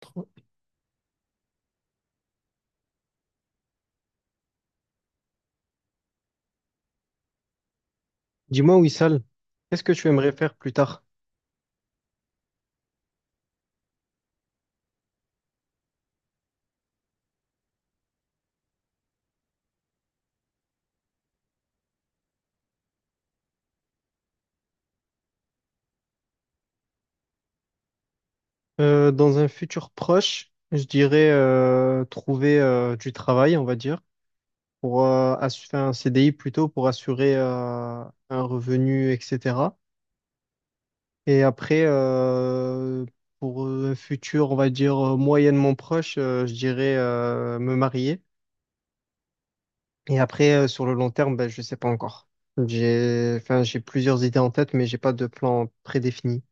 Trop. Dis-moi, Wissal, qu'est-ce que tu aimerais faire plus tard? Dans un futur proche, je dirais trouver du travail, on va dire, pour faire un CDI plutôt pour assurer un revenu, etc. Et après, pour un futur, on va dire moyennement proche, je dirais me marier. Et après, sur le long terme, ben, je ne sais pas encore. J'ai plusieurs idées en tête, mais j'ai pas de plan prédéfini.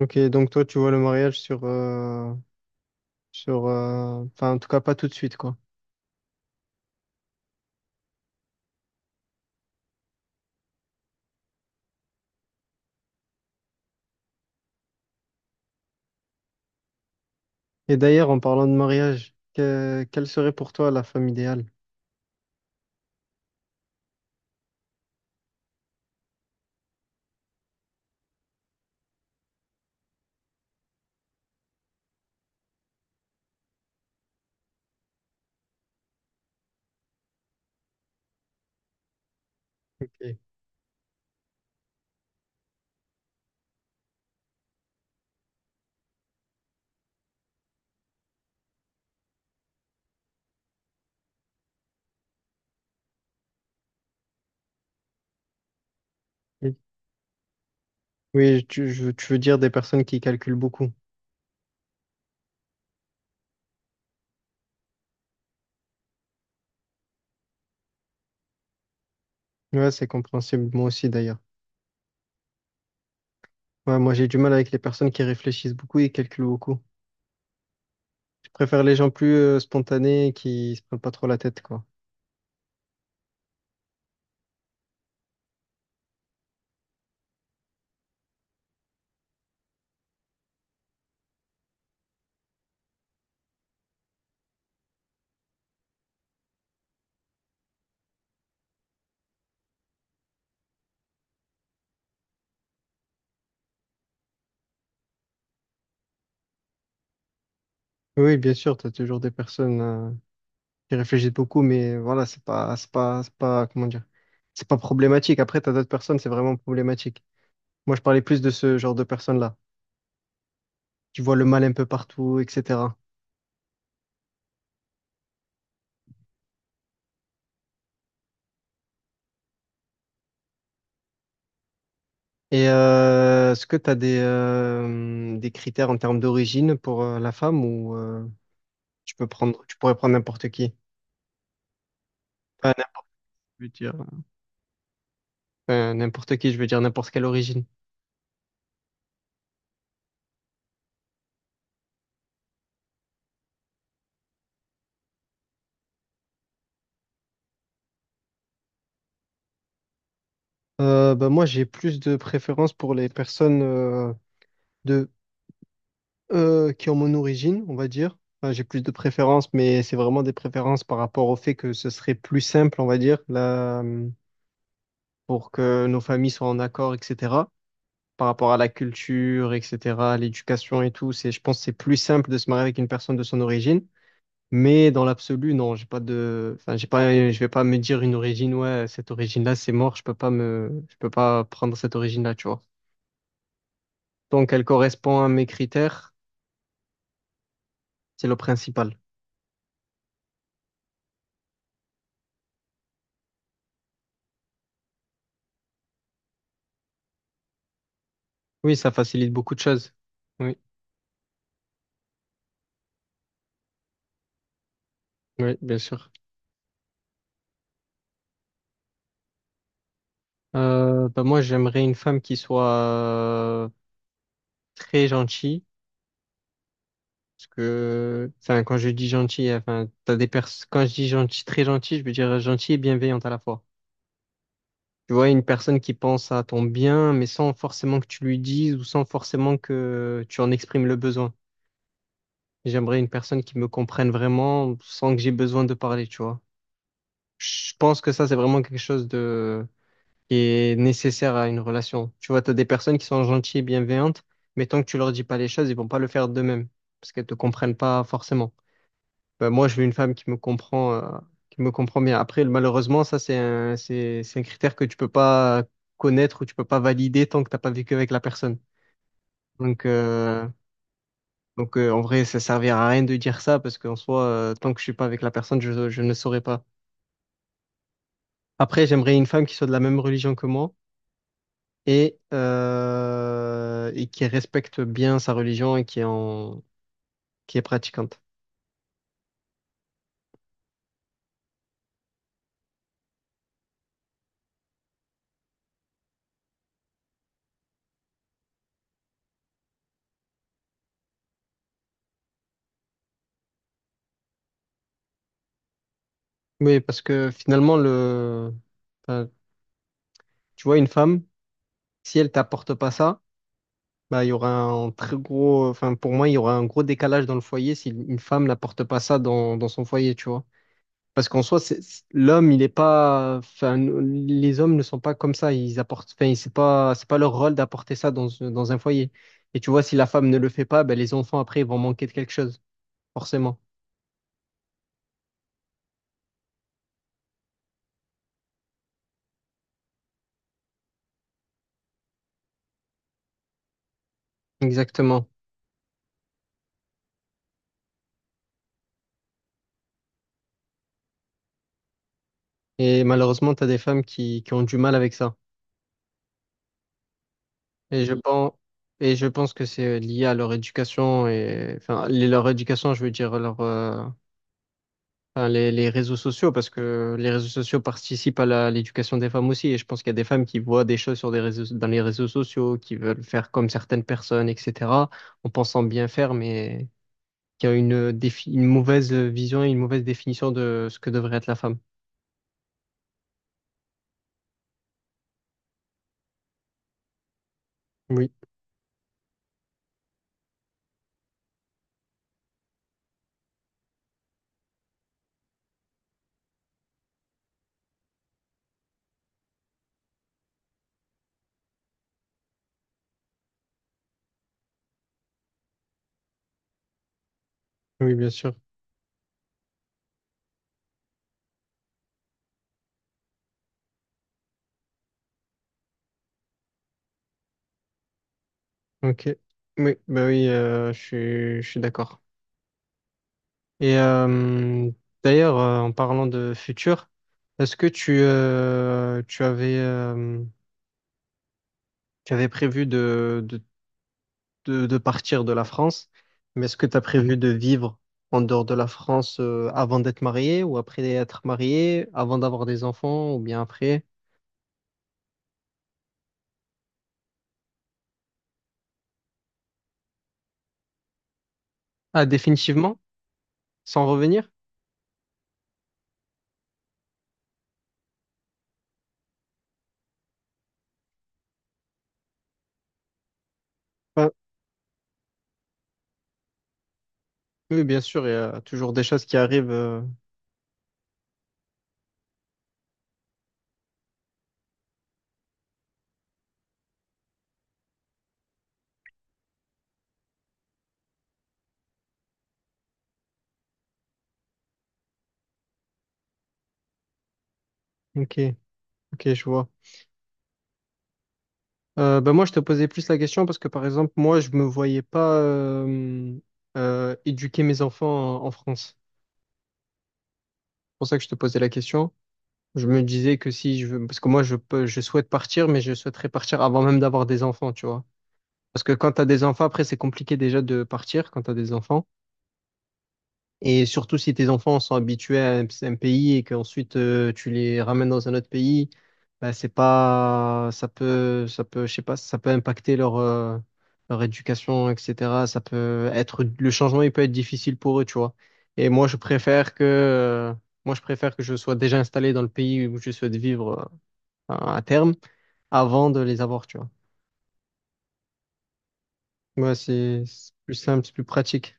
Ok, donc toi, tu vois le mariage en tout cas, pas tout de suite, quoi. Et d'ailleurs, en parlant de mariage, quelle serait pour toi la femme idéale? Ok. Oui. Tu veux dire des personnes qui calculent beaucoup. Ouais, c'est compréhensible, moi aussi d'ailleurs. Ouais, moi j'ai du mal avec les personnes qui réfléchissent beaucoup et calculent beaucoup. Je préfère les gens plus spontanés qui se prennent pas trop la tête, quoi. Oui, bien sûr, t'as toujours des personnes. J'y réfléchis beaucoup, mais voilà, c'est pas, comment dire, c'est pas problématique. Après, t'as d'autres personnes, c'est vraiment problématique. Moi, je parlais plus de ce genre de personnes-là, qui voient le mal un peu partout, etc. Et est-ce que des critères en termes d'origine pour la femme ou tu pourrais prendre n'importe qui? Enfin, n'importe- je veux dire, n'importe qui, je veux dire n'importe quelle origine. Bah, moi, j'ai plus de préférence pour les personnes de qui ont mon origine, on va dire. Enfin, j'ai plus de préférences, mais c'est vraiment des préférences par rapport au fait que ce serait plus simple, on va dire, pour que nos familles soient en accord, etc. Par rapport à la culture, etc., à l'éducation et tout, c'est, je pense que c'est plus simple de se marier avec une personne de son origine. Mais dans l'absolu, non, j'ai pas de, enfin, j'ai pas, je vais pas me dire une origine, ouais, cette origine-là, c'est mort, je peux pas prendre cette origine-là, tu vois. Donc, elle correspond à mes critères, c'est le principal. Oui, ça facilite beaucoup de choses. Oui, oui, bien sûr. Bah moi, j'aimerais une femme qui soit euh, très gentille. Parce que, enfin, quand je dis gentille, enfin, t'as des pers quand je dis gentil, très gentille, je veux dire gentille et bienveillante à la fois. Tu vois, une personne qui pense à ton bien, mais sans forcément que tu lui dises ou sans forcément que tu en exprimes le besoin. J'aimerais une personne qui me comprenne vraiment sans que j'ai besoin de parler, tu vois. Je pense que ça, c'est vraiment quelque chose qui est nécessaire à une relation. Tu vois, tu as des personnes qui sont gentilles et bienveillantes, mais tant que tu leur dis pas les choses, ils vont pas le faire d'eux-mêmes, parce qu'elles te comprennent pas forcément. Ben, moi, je veux une femme qui me comprend bien. Après, malheureusement, ça, c'est un critère que tu peux pas connaître ou tu peux pas valider tant que t'as pas vécu avec la personne. Donc, euh, donc, en vrai, ça servira à rien de dire ça, parce qu'en soi, tant que je suis pas avec la personne, je ne saurais pas. Après, j'aimerais une femme qui soit de la même religion que moi et et qui respecte bien sa religion et qui est pratiquante. Oui, parce que finalement, enfin, tu vois, une femme, si elle t'apporte pas ça, bah, il y aura un très gros, enfin, pour moi, il y aura un gros décalage dans le foyer si une femme n'apporte pas ça dans son foyer, tu vois. Parce qu'en soi, l'homme, il est pas, enfin, les hommes ne sont pas comme ça. Ils apportent, enfin, c'est pas leur rôle d'apporter ça dans un foyer. Et tu vois, si la femme ne le fait pas, ben, les enfants après, ils vont manquer de quelque chose, forcément. Exactement. Et malheureusement, tu as des femmes qui ont du mal avec ça. Et je pense, et je pense que c'est lié à leur éducation et, leur éducation, je veux dire, les réseaux sociaux, parce que les réseaux sociaux participent à à l'éducation des femmes aussi. Et je pense qu'il y a des femmes qui voient des choses sur des réseaux, dans les réseaux sociaux, qui veulent faire comme certaines personnes, etc., en pensant bien faire, mais qui a une mauvaise vision et une mauvaise définition de ce que devrait être la femme. Oui, oui, bien sûr. Ok. Oui, bah oui, je suis d'accord. Et d'ailleurs, en parlant de futur, est-ce que tu avais prévu de partir de la France, mais est-ce que tu as prévu de vivre en dehors de la France avant d'être marié ou après être marié, avant d'avoir des enfants ou bien après? Ah, définitivement, sans revenir? Ben, oui, bien sûr, il y a toujours des choses qui arrivent. Ok, ok, je vois. Ben moi, je te posais plus la question parce que, par exemple, moi, je me voyais pas éduquer mes enfants en France. C'est pour ça que je te posais la question. Je me disais que si je veux, parce que moi je peux, je souhaite partir, mais je souhaiterais partir avant même d'avoir des enfants, tu vois. Parce que quand t'as des enfants, après c'est compliqué déjà de partir quand t'as des enfants. Et surtout si tes enfants sont habitués à un pays et qu'ensuite tu les ramènes dans un autre pays, bah c'est pas, ça peut, je sais pas, ça peut impacter leur éducation, etc. Ça peut être, le changement il peut être difficile pour eux, tu vois. Et moi je préfère que, euh, Moi je préfère que je sois déjà installé dans le pays où je souhaite vivre à terme avant de les avoir, tu vois. Ouais, c'est plus simple, c'est plus pratique.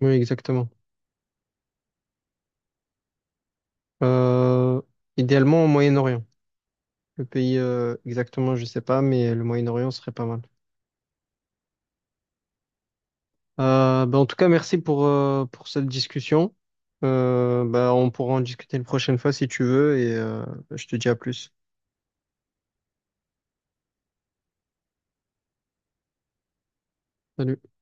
Oui, exactement. Euh, Idéalement au Moyen-Orient. Le pays exactement, je sais pas, mais le Moyen-Orient serait pas mal. Ben, en tout cas, merci pour cette discussion. Ben, on pourra en discuter une prochaine fois si tu veux et je te dis à plus. Salut.